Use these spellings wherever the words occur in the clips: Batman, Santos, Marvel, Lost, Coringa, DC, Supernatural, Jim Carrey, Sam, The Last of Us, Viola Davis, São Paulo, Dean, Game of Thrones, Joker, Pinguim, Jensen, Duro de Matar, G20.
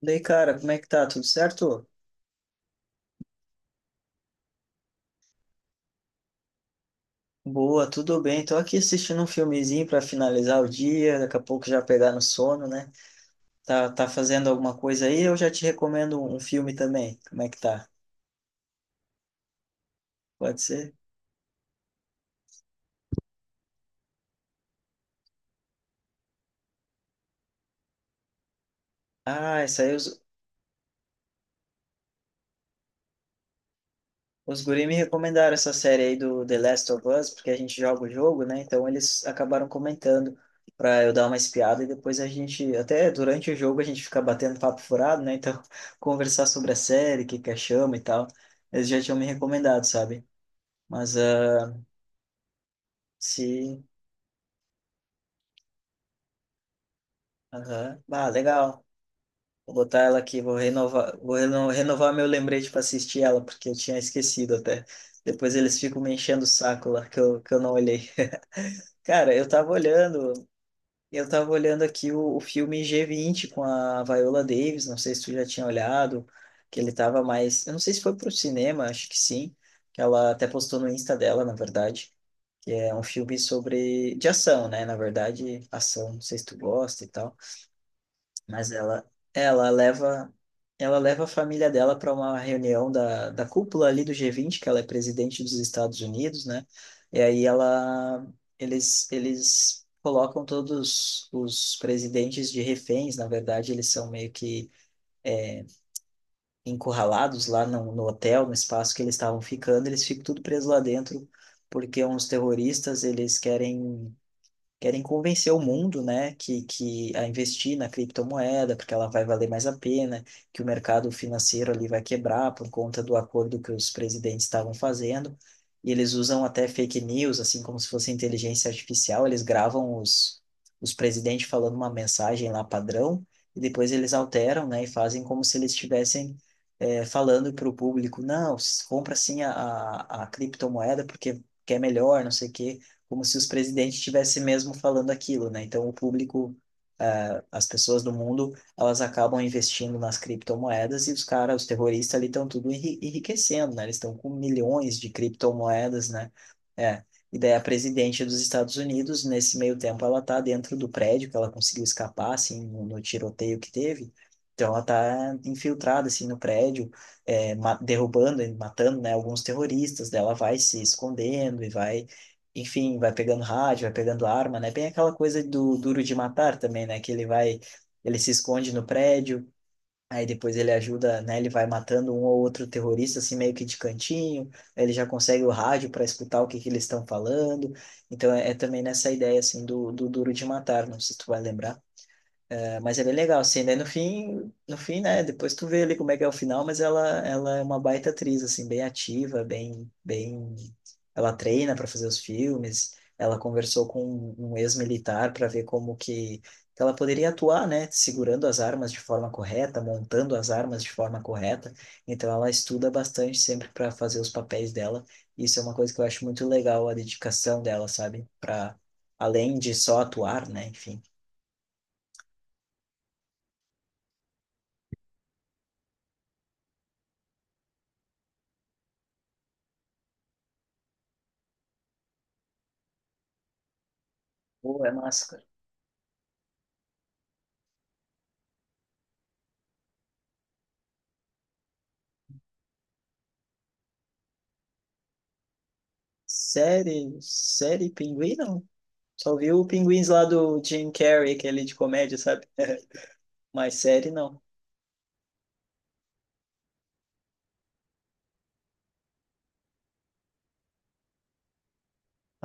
Daí, cara, como é que tá? Tudo certo? Boa, tudo bem. Tô aqui assistindo um filmezinho pra finalizar o dia, daqui a pouco já pegar no sono, né? Tá, fazendo alguma coisa aí? Eu já te recomendo um filme também. Como é que tá? Pode ser? Ah, essa aí os, os guri me recomendaram essa série aí do The Last of Us, porque a gente joga o jogo, né? Então eles acabaram comentando pra eu dar uma espiada e depois a gente, até durante o jogo a gente fica batendo papo furado, né? Então conversar sobre a série, o que que achamos e tal. Eles já tinham me recomendado, sabe? Mas ah, sim. Aham. Ah, legal. Vou botar ela aqui, vou renovar, renovar meu lembrete para assistir ela, porque eu tinha esquecido até. Depois eles ficam me enchendo o saco lá, que eu não olhei. Cara, eu tava olhando aqui o filme g vinte com a Viola Davis, não sei se tu já tinha olhado, que ele tava mais, eu não sei se foi pro cinema, acho que sim, que ela até postou no Insta dela, na verdade, que é um filme sobre, de ação, né, na verdade, ação, não sei se tu gosta e tal. Mas ela, ela leva, Ela leva a família dela para uma reunião da cúpula ali do G20, que ela é presidente dos Estados Unidos, né? E aí ela, eles colocam todos os presidentes de reféns, na verdade, eles são meio que encurralados lá no hotel, no espaço que eles estavam ficando, eles ficam tudo presos lá dentro, porque uns terroristas, eles querem querem convencer o mundo, né, que a investir na criptomoeda, porque ela vai valer mais a pena, que o mercado financeiro ali vai quebrar por conta do acordo que os presidentes estavam fazendo. E eles usam até fake news, assim como se fosse inteligência artificial, os presidentes falando uma mensagem lá padrão, e depois eles alteram, né, e fazem como se eles estivessem falando para o público, não, compra sim a criptomoeda porque que é melhor, não sei o quê como se os presidentes estivessem mesmo falando aquilo, né? Então, as pessoas do mundo, elas acabam investindo nas criptomoedas e os caras, os terroristas ali estão tudo enriquecendo, né? Eles estão com milhões de criptomoedas, né? É. E daí a presidente dos Estados Unidos, nesse meio tempo, ela tá dentro do prédio, que ela conseguiu escapar, assim, no tiroteio que teve. Então, ela tá infiltrada, assim, no prédio, é, derrubando, e matando, né, alguns terroristas. Daí ela vai se escondendo e vai enfim, vai pegando rádio, vai pegando arma, né? Bem aquela coisa do Duro de Matar também, né? Que ele vai, ele se esconde no prédio, aí depois ele ajuda, né? Ele vai matando um ou outro terrorista, assim, meio que de cantinho, aí ele já consegue o rádio para escutar o que que eles estão falando. Então é também nessa ideia, assim, do Duro de Matar, não sei se tu vai lembrar. É, mas é bem legal, assim, daí no fim, no fim, né, depois tu vê ali como é que é o final, mas ela é uma baita atriz, assim, bem ativa, ela treina para fazer os filmes, ela conversou com um ex-militar para ver como que ela poderia atuar, né, segurando as armas de forma correta, montando as armas de forma correta, então ela estuda bastante sempre para fazer os papéis dela, isso é uma coisa que eu acho muito legal, a dedicação dela, sabe, para além de só atuar, né, enfim. Pô, é massa. Série, série Pinguim, não. Só vi o Pinguins lá do Jim Carrey, aquele de comédia, sabe? Mas série, não.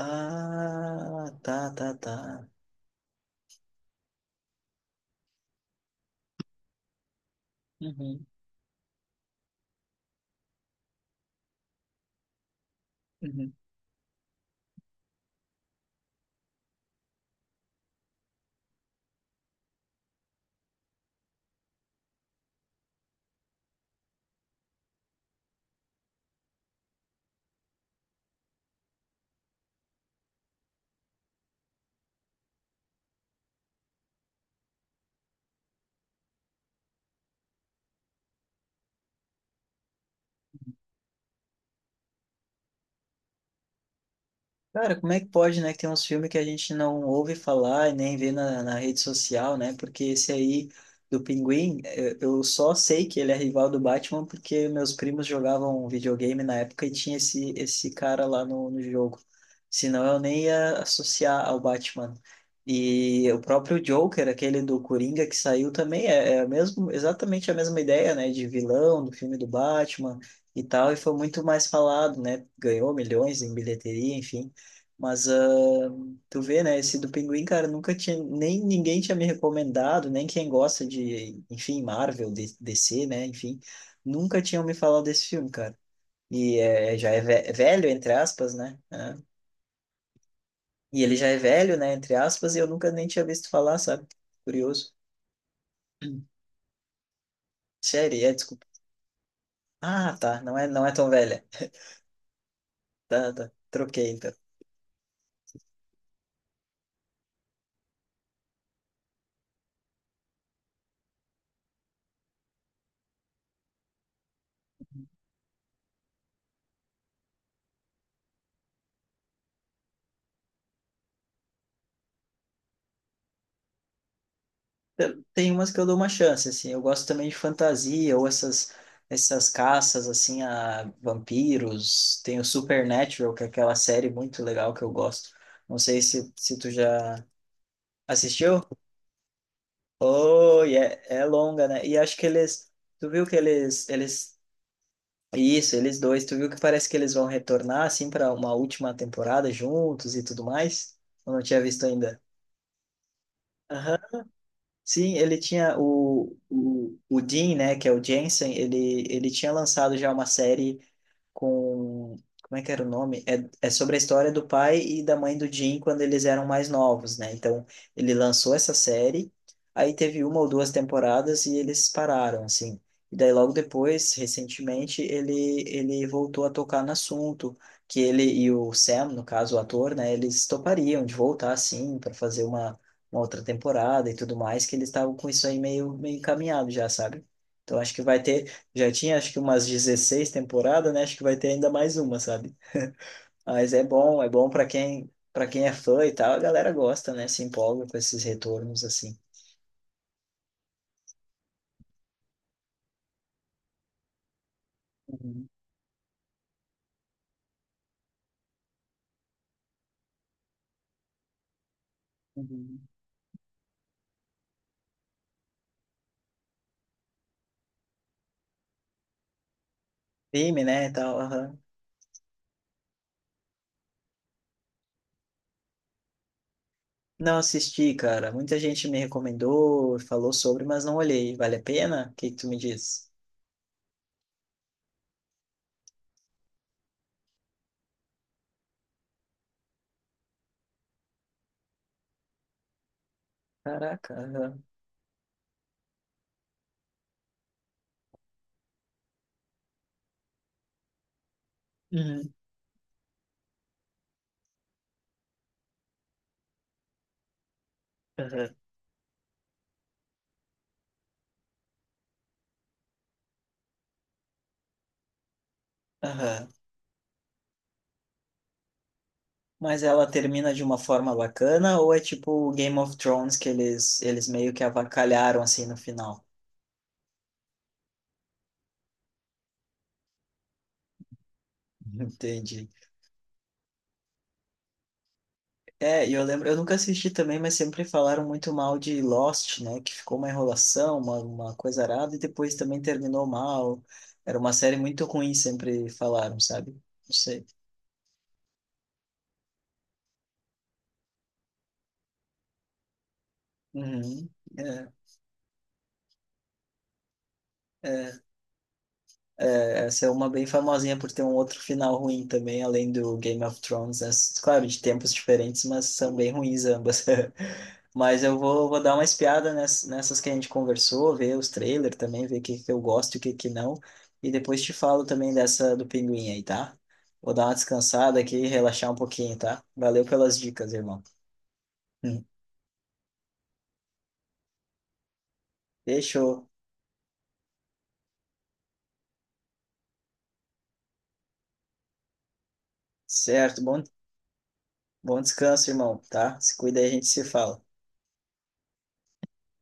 Ah, tá, tá, tá. Uhum, uhum. Cara, como é que pode, né, que tem uns filmes que a gente não ouve falar e nem vê na rede social, né? Porque esse aí do Pinguim, eu só sei que ele é rival do Batman porque meus primos jogavam videogame na época e tinha esse cara lá no jogo. Senão eu nem ia associar ao Batman. E o próprio Joker, aquele do Coringa que saiu também, é a mesmo, exatamente a mesma ideia, né? De vilão do filme do Batman e tal, e foi muito mais falado, né? Ganhou milhões em bilheteria, enfim. Mas tu vê, né? Esse do Pinguim, cara, nunca tinha. Nem ninguém tinha me recomendado, nem quem gosta de, enfim, Marvel, DC, né? Enfim, nunca tinham me falado desse filme, cara. E já é velho, entre aspas, né? É. E ele já é velho, né? Entre aspas, e eu nunca nem tinha visto falar, sabe? Curioso. Série, é, desculpa. Ah, tá. Não é tão velha. Tá, tá. Troquei, então. Tem umas que eu dou uma chance, assim. Eu gosto também de fantasia ou essas caças assim a vampiros. Tem o Supernatural, que é aquela série muito legal que eu gosto. Não sei se tu já assistiu? Oh, e é longa, né? E acho que eles tu viu que eles isso, eles dois, tu viu que parece que eles vão retornar assim para uma última temporada juntos e tudo mais? Eu não tinha visto ainda. Sim, ele tinha o Dean, né, que é o Jensen, ele tinha lançado já uma série com. Como é que era o nome? É sobre a história do pai e da mãe do Jim quando eles eram mais novos, né? Então, ele lançou essa série, aí teve uma ou duas temporadas e eles pararam, assim. E daí, logo depois, recentemente, ele voltou a tocar no assunto, que ele e o Sam, no caso, o ator, né? Eles topariam de voltar, assim, para fazer uma outra temporada e tudo mais, que eles estavam com isso aí meio encaminhado já, sabe? Então, acho que vai ter. Já tinha acho que umas 16 temporadas, né? Acho que vai ter ainda mais uma, sabe? Mas é bom para quem é fã e tal, a galera gosta, né? Se empolga com esses retornos assim. Uhum, uhum. Filme, né, e tal. Aham. Não assisti, cara. Muita gente me recomendou, falou sobre, mas não olhei. Vale a pena? O que que tu me diz? Caraca, aham. Uhum, aham, aham. Mas ela termina de uma forma bacana ou é tipo o Game of Thrones que eles meio que avacalharam assim no final? Entendi. É, e eu lembro, eu nunca assisti também, mas sempre falaram muito mal de Lost, né? Que ficou uma enrolação, uma coisa arada, e depois também terminou mal. Era uma série muito ruim, sempre falaram, sabe? Não sei. Uhum. É, é. Essa é uma bem famosinha por ter um outro final ruim também, além do Game of Thrones, né? Claro, de tempos diferentes, mas são bem ruins ambas. Mas vou dar uma espiada nessas que a gente conversou, ver os trailers também, ver o que, que eu gosto e o que, que não. E depois te falo também dessa do Pinguim aí, tá? Vou dar uma descansada aqui, relaxar um pouquinho, tá? Valeu pelas dicas, irmão. Hum. Fechou. Certo, bom, bom descanso, irmão, tá? Se cuida aí, a gente se fala.